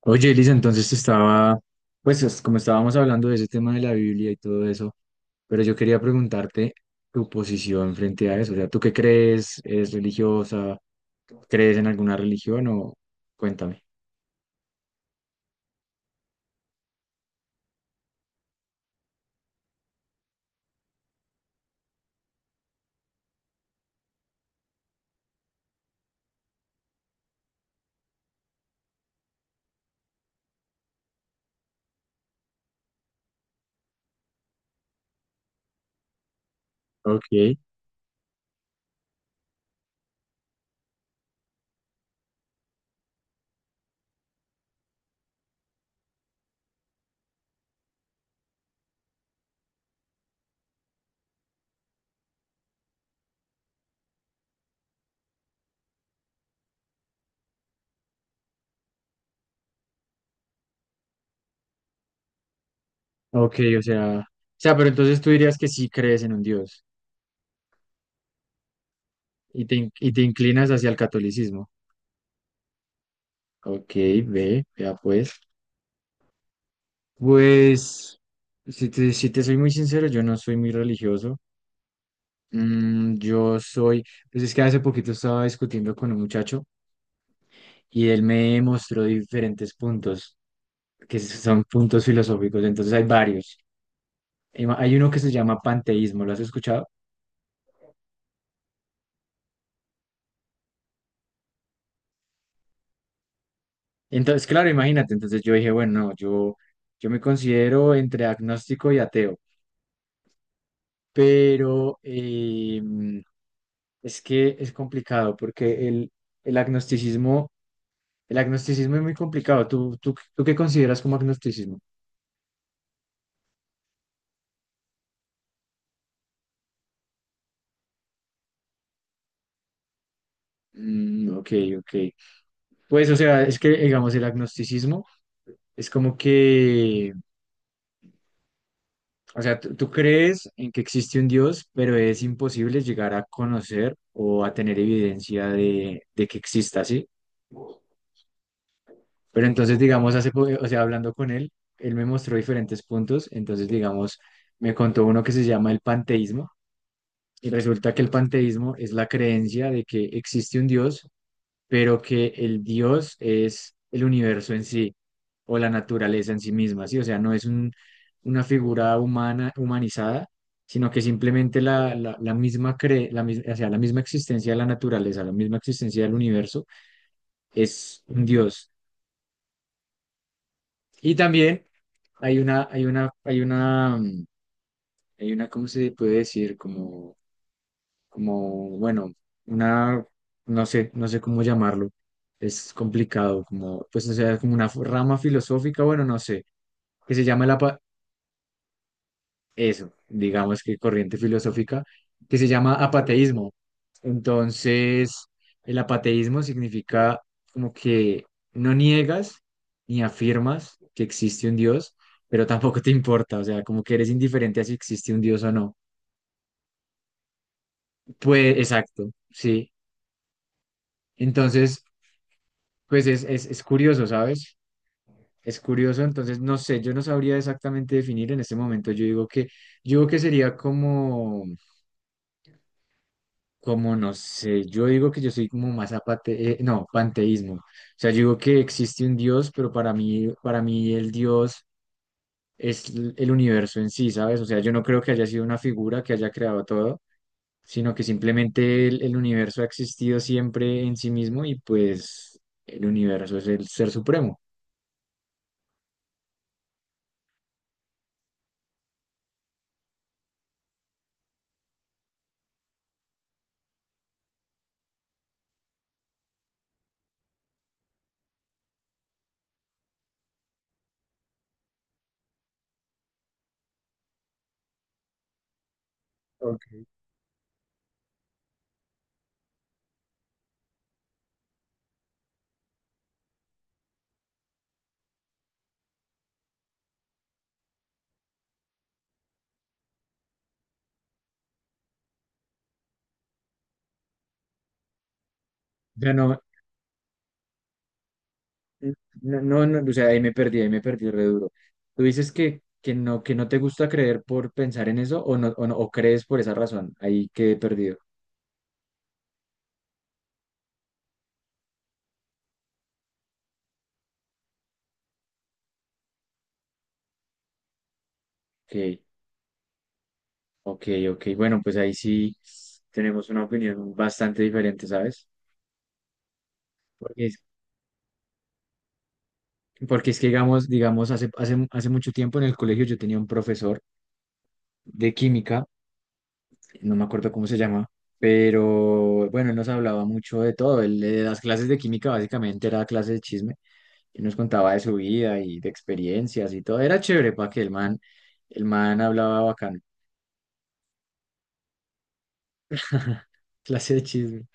Oye, Elisa, entonces estaba, pues como estábamos hablando de ese tema de la Biblia y todo eso, pero yo quería preguntarte tu posición frente a eso. O sea, ¿tú qué crees? ¿Eres religiosa? ¿Crees en alguna religión o cuéntame? Ok, ok, o sea, pero entonces tú dirías que sí crees en un Dios y y te inclinas hacia el catolicismo. Ok, ve, ya pues. Pues, si te soy muy sincero, yo no soy muy religioso. Mm, pues es que hace poquito estaba discutiendo con un muchacho y él me mostró diferentes puntos, que son puntos filosóficos, entonces hay varios. Hay uno que se llama panteísmo, ¿lo has escuchado? Entonces, claro, imagínate, entonces yo dije, bueno, no, yo me considero entre agnóstico y ateo, pero es que es complicado porque el agnosticismo, el agnosticismo es muy complicado. Tú qué consideras como agnosticismo? Mm, ok, ok. Pues, o sea, es que, digamos, el agnosticismo es como que, o sea, tú crees en que existe un Dios, pero es imposible llegar a conocer o a tener evidencia de que exista, ¿sí? Pero entonces, digamos, o sea, hablando con él, él me mostró diferentes puntos, entonces, digamos, me contó uno que se llama el panteísmo, y resulta que el panteísmo es la creencia de que existe un Dios, pero que el Dios es el universo en sí o la naturaleza en sí misma, ¿sí? O sea, no es un- una figura humana, humanizada, sino que simplemente la misma o sea, la misma existencia de la naturaleza, la misma existencia del universo es un Dios. Y también hay una, hay una, ¿cómo se puede decir? Como bueno, una, no sé, no sé cómo llamarlo, es complicado, como, pues, o sea, como una rama filosófica, bueno, no sé, que se llama el apa- eso, digamos que corriente filosófica, que se llama apateísmo. Entonces, el apateísmo significa como que no niegas ni afirmas que existe un Dios, pero tampoco te importa, o sea, como que eres indiferente a si existe un Dios o no. Pues, exacto, sí. Entonces, pues es curioso, ¿sabes? Es curioso, entonces no sé, yo no sabría exactamente definir en este momento. Yo digo yo digo que sería como, como no sé, yo digo que yo soy como más apate, no, panteísmo. O sea, yo digo que existe un Dios, pero para mí el Dios el universo en sí, ¿sabes? O sea, yo no creo que haya sido una figura que haya creado todo, sino que simplemente el universo ha existido siempre en sí mismo y pues el universo es el ser supremo. Ok. O sea, no, no, o sea, ahí me perdí re duro. Tú dices que no te gusta creer por pensar en eso o no, o no, o crees por esa razón. Ahí quedé perdido. Ok, ok. Bueno, pues ahí sí tenemos una opinión bastante diferente, ¿sabes? Porque es, porque es que, digamos, hace mucho tiempo en el colegio yo tenía un profesor de química, no me acuerdo cómo se llama, pero bueno, él nos hablaba mucho de todo. Él, las clases de química básicamente era clase de chisme y nos contaba de su vida y de experiencias y todo. Era chévere para que el man hablaba bacano, clase de chisme.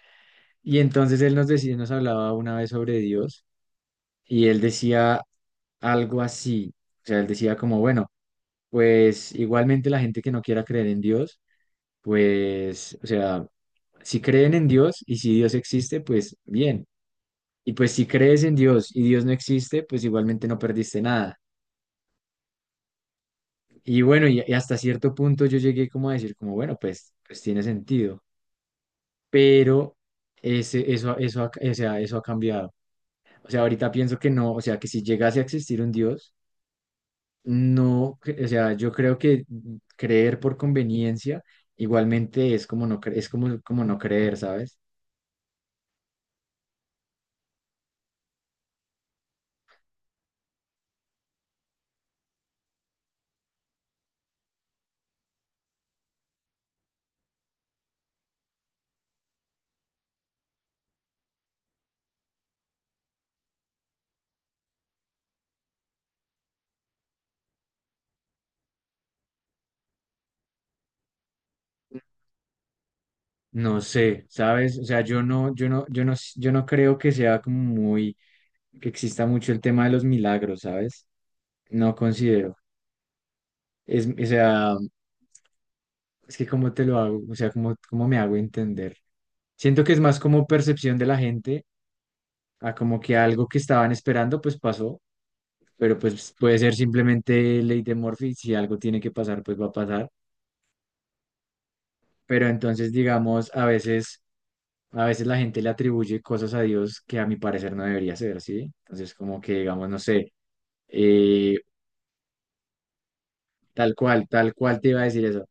Y entonces él nos decía, nos hablaba una vez sobre Dios y él decía algo así, o sea, él decía como, bueno, pues igualmente la gente que no quiera creer en Dios, pues, o sea, si creen en Dios y si Dios existe, pues bien. Y pues si crees en Dios y Dios no existe, pues igualmente no perdiste nada. Y bueno, y hasta cierto punto yo llegué como a decir, como, bueno, pues, pues tiene sentido, pero o sea, eso ha cambiado. O sea, ahorita pienso que no, o sea, que si llegase a existir un Dios, no, cre- o sea, yo creo que creer por conveniencia igualmente es como no, cre- es como, como no creer, ¿sabes? No sé, ¿sabes? O sea, yo no creo que sea como muy, que exista mucho el tema de los milagros, ¿sabes? No considero. Es, o sea, es que cómo te lo hago, o sea, cómo me hago entender. Siento que es más como percepción de la gente a como que algo que estaban esperando pues pasó, pero pues puede ser simplemente ley de Murphy, si algo tiene que pasar pues va a pasar. Pero entonces digamos, a veces la gente le atribuye cosas a Dios que a mi parecer no debería ser, ¿sí? Entonces como que digamos, no sé, eh, tal cual te iba a decir eso.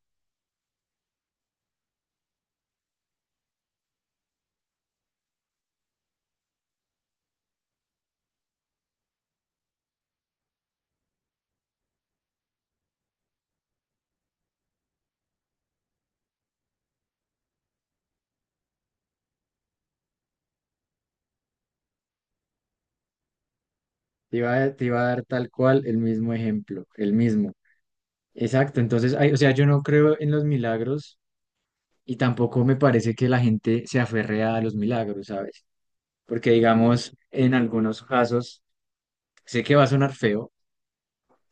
Te iba a dar tal cual el mismo ejemplo, el mismo. Exacto, entonces, ay, o sea, yo no creo en los milagros y tampoco me parece que la gente se aferre a los milagros, ¿sabes? Porque digamos, en algunos casos, sé que va a sonar feo,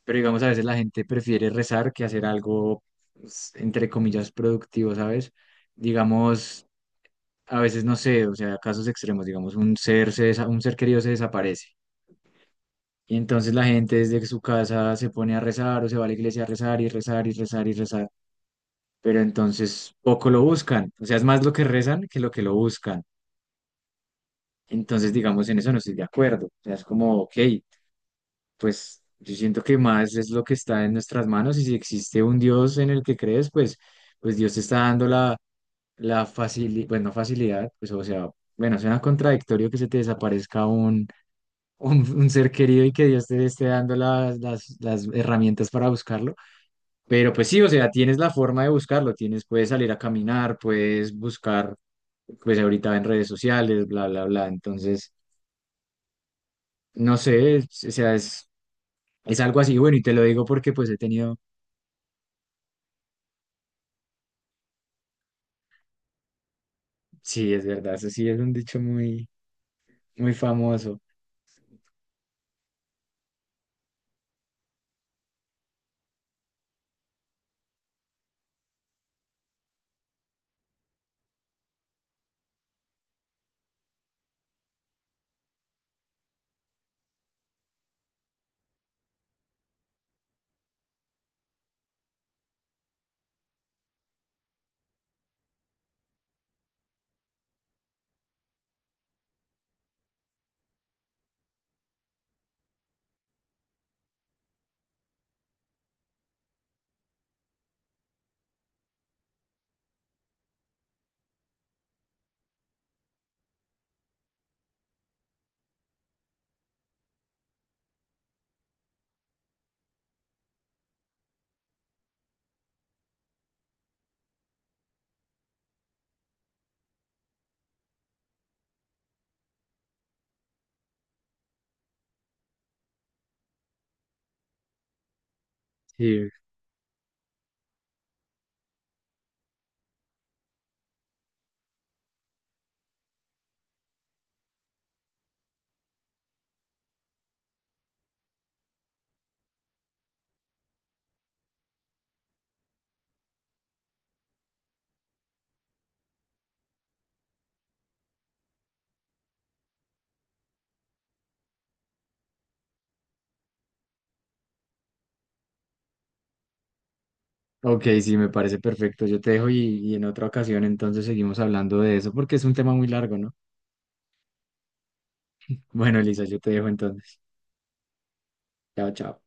pero digamos, a veces la gente prefiere rezar que hacer algo, pues, entre comillas, productivo, ¿sabes? Digamos, a veces no sé, o sea, casos extremos, digamos, un ser querido se desaparece. Y entonces la gente desde su casa se pone a rezar o se va a la iglesia a rezar y rezar y rezar y rezar. Pero entonces poco lo buscan. O sea, es más lo que rezan que lo buscan. Entonces, digamos, en eso no estoy de acuerdo. O sea, es como, ok, pues yo siento que más es lo que está en nuestras manos y si existe un Dios en el que crees, pues, pues Dios te está dando la facilidad, bueno, no facilidad, pues, o sea, bueno, suena contradictorio que se te desaparezca un ser querido y que Dios te esté dando las herramientas para buscarlo. Pero pues sí, o sea, tienes la forma de buscarlo, tienes, puedes salir a caminar, puedes buscar, pues ahorita en redes sociales, bla, bla, bla. Entonces... No sé, o sea, es algo así, bueno, y te lo digo porque pues he tenido, sí, es verdad, eso sí es un dicho muy, muy famoso. Sí, ok, sí, me parece perfecto. Yo te dejo y en otra ocasión entonces seguimos hablando de eso porque es un tema muy largo, ¿no? Bueno, Elisa, yo te dejo entonces. Chao, chao.